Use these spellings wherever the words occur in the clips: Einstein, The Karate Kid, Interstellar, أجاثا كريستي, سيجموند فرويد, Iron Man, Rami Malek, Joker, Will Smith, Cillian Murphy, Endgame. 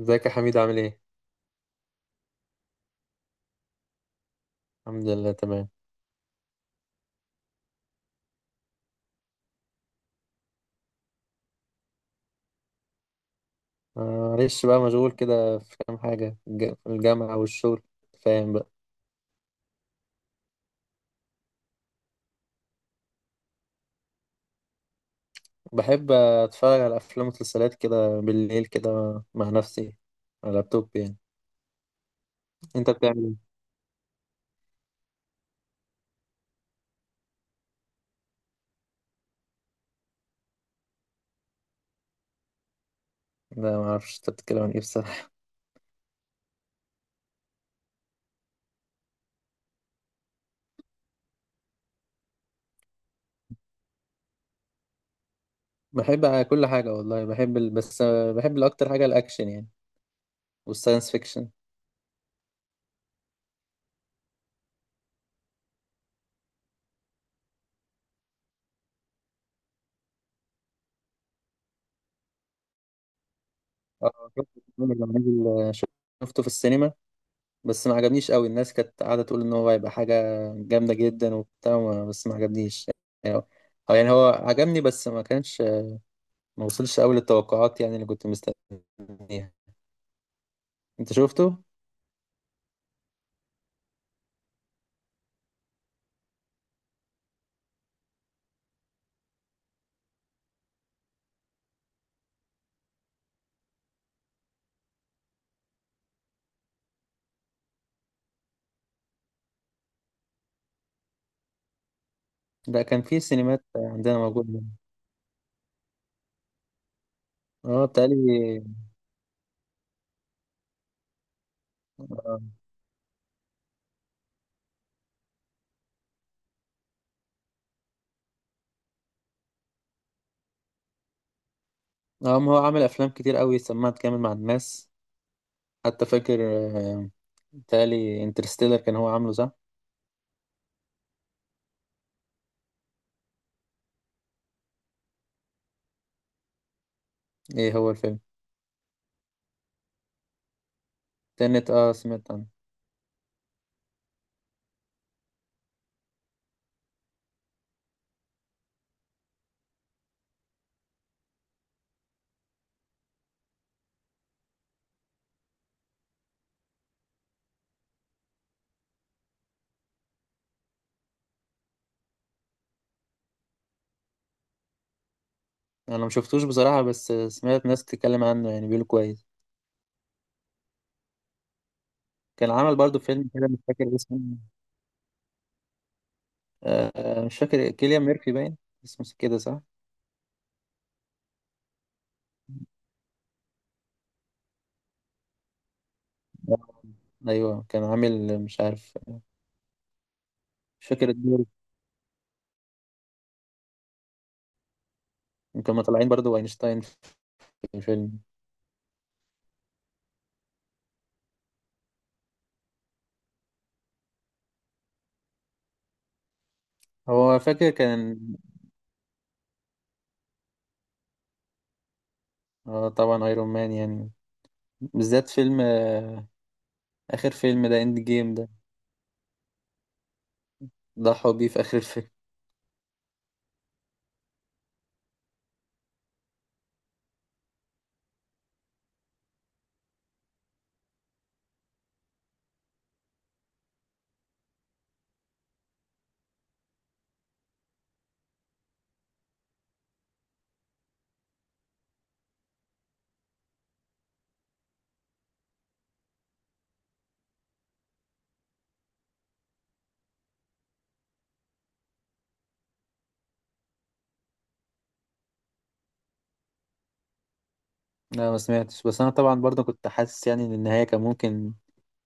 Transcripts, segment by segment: ازيك يا حميد؟ عامل ايه؟ الحمد لله تمام. آه، معلش بقى، مشغول كده في كام حاجة، الجامعة والشغل. فاهم بقى. بحب أتفرج على أفلام ومسلسلات كده بالليل كده، مع نفسي، على اللابتوب يعني. أنت بتعمل ايه؟ لا، معرفش أنت بتتكلم عن ايه بصراحة. بحب كل حاجة والله، بحب بس بحب الأكتر حاجة الأكشن يعني، والساينس فيكشن. شفت الفيلم اللي نزل- شفته في السينما، بس ما عجبنيش قوي. الناس كانت قاعدة تقول ان هو هيبقى حاجة جامدة جدا وبتاع، بس ما عجبنيش يعني. هو يعني هو عجبني بس ما كانش، ما وصلش قوي للتوقعات يعني، اللي كنت مستنيها. انت شفته؟ ده كان في سينمات عندنا موجودة. اه، بتهيألي. اه. ما هو عامل افلام كتير قوي، سمعت كامل مع الناس. حتى فاكر، آه، بتهيألي انترستيلر كان هو عامله، صح؟ ايه هو الفيلم؟ تنت، اه سمعت عنه. انا ما شفتوش بصراحة، بس سمعت ناس تتكلم عنه يعني، بيقولوا كويس. كان عمل برضو فيلم كده مش فاكر اسمه. مش فاكر، كيليان ميرفي باين اسمه، كده صح؟ آه. أيوه كان عامل مش عارف، مش فاكر الدور. كانوا طالعين برضو أينشتاين في الفيلم. هو فاكر كان، آه طبعا أيرون مان يعني. بالذات فيلم، آخر فيلم ده، إند جيم ده. ضحوا بيه في آخر الفيلم. لا، ما سمعتش، بس أنا طبعا برضو كنت حاسس يعني إن النهاية كان ممكن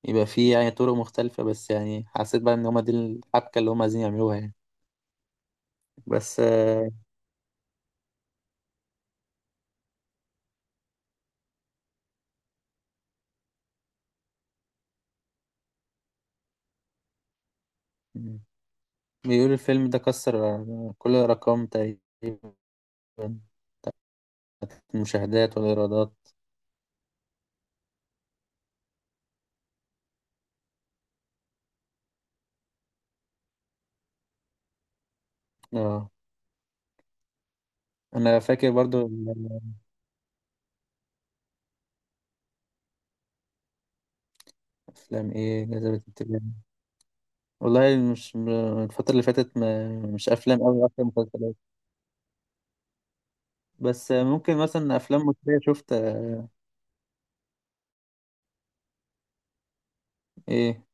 يبقى فيه يعني طرق مختلفة، بس يعني حسيت بقى إن هما دي الحبكة اللي هما عايزين يعملوها يعني. بس آه بيقول الفيلم ده كسر كل الأرقام تقريبا، بتاعت المشاهدات والإيرادات. اه، أنا فاكر برضو. الأفلام إيه جذبت انتباهي؟ والله مش م- الفترة اللي فاتت، ما مش أفلام أوي، أكتر مسلسلات. بس ممكن مثلا أفلام مصرية، شفت إيه؟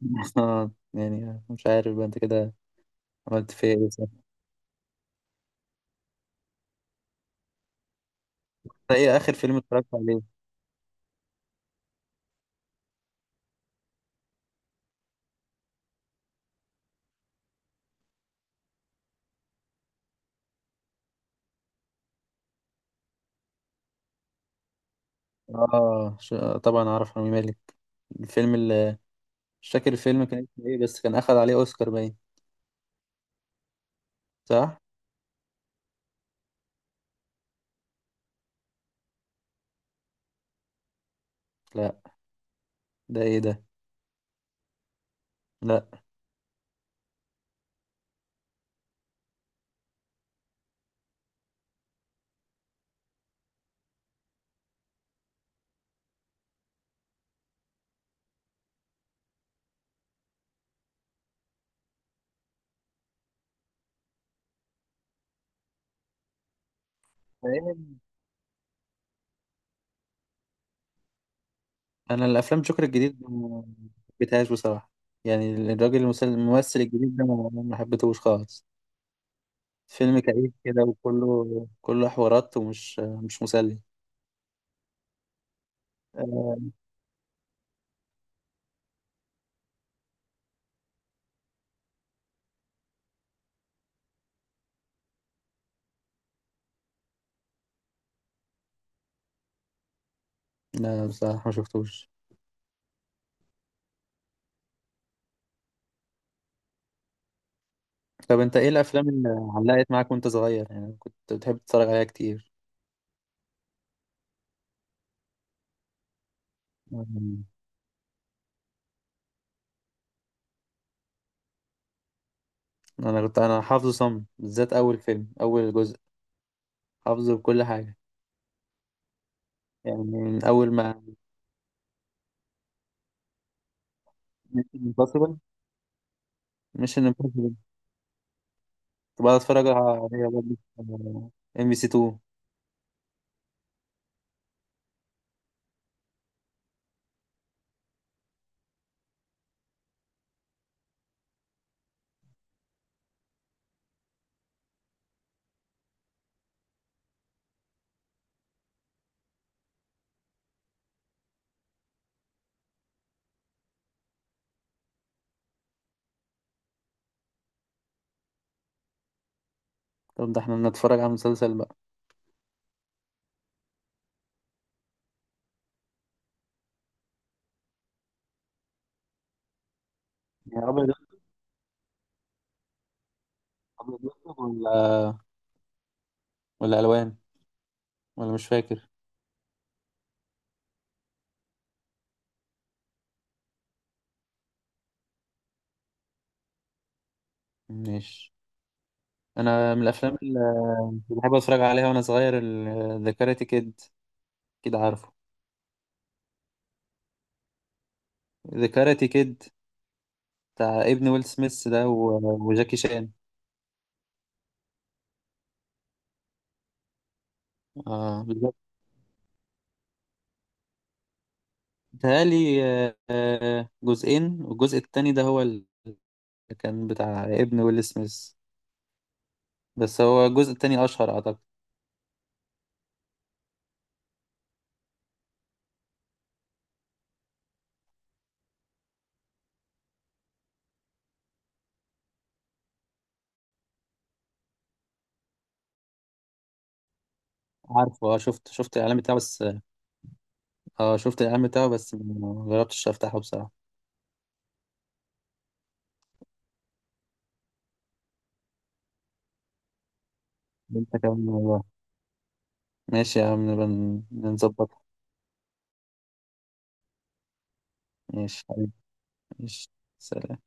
يعني مش عارف بقى، أنت كده عملت فيا إيه، صح؟ أنت إيه آخر فيلم اتفرجت عليه؟ آه ش- طبعا أعرف رامي مالك. الفيلم اللي، مش فاكر الفيلم كان اسمه إيه، بس كان أخد عليه أوسكار باين، صح؟ لا، ده ايه ده؟ لا، فاهم. انا الافلام جوكر الجديد ما حبيتهاش بصراحه، يعني الراجل الممثل الجديد ده ما حبيتهوش خالص. فيلم كئيب كده، وكله حوارات، ومش مش مسلي. آه، لا بصراحه ما شفتوش. طب انت ايه الافلام اللي علقت معاك وانت صغير، يعني كنت بتحب تتفرج عليها كتير؟ أمم، انا كنت انا حافظه صم، بالذات اول فيلم، اول جزء، حافظه بكل حاجه، يعني من اول ما، مش امبوسيبل. مش كنت بقى اتفرج عليها برضه. ام بي سي 2. طب ده احنا بنتفرج على مسلسل بقى. يا ابيض، ابيض وأسود ولا الوان؟ ولا مش فاكر. ماشي. انا من الافلام اللي بحب اتفرج عليها وانا صغير، ذا كاراتي كيد، كده عارفه؟ ذا كاراتي كيد بتاع ابن ويل سميث، وجاكي شان. اه بالظبط. بيتهيألي جزئين، والجزء التاني ده هو اللي كان بتاع ابن ويل سميث. بس هو الجزء التاني اشهر اعتقد. عارفه؟ اه، شفت الاعلان بتاعه بس. اه، شفت الاعلان بتاعه بس ما جربتش افتحه بصراحه. انت كمان والله. ماشي يا عم، نبقى نظبطها. ماشي حبيبي. ماشي. سلام.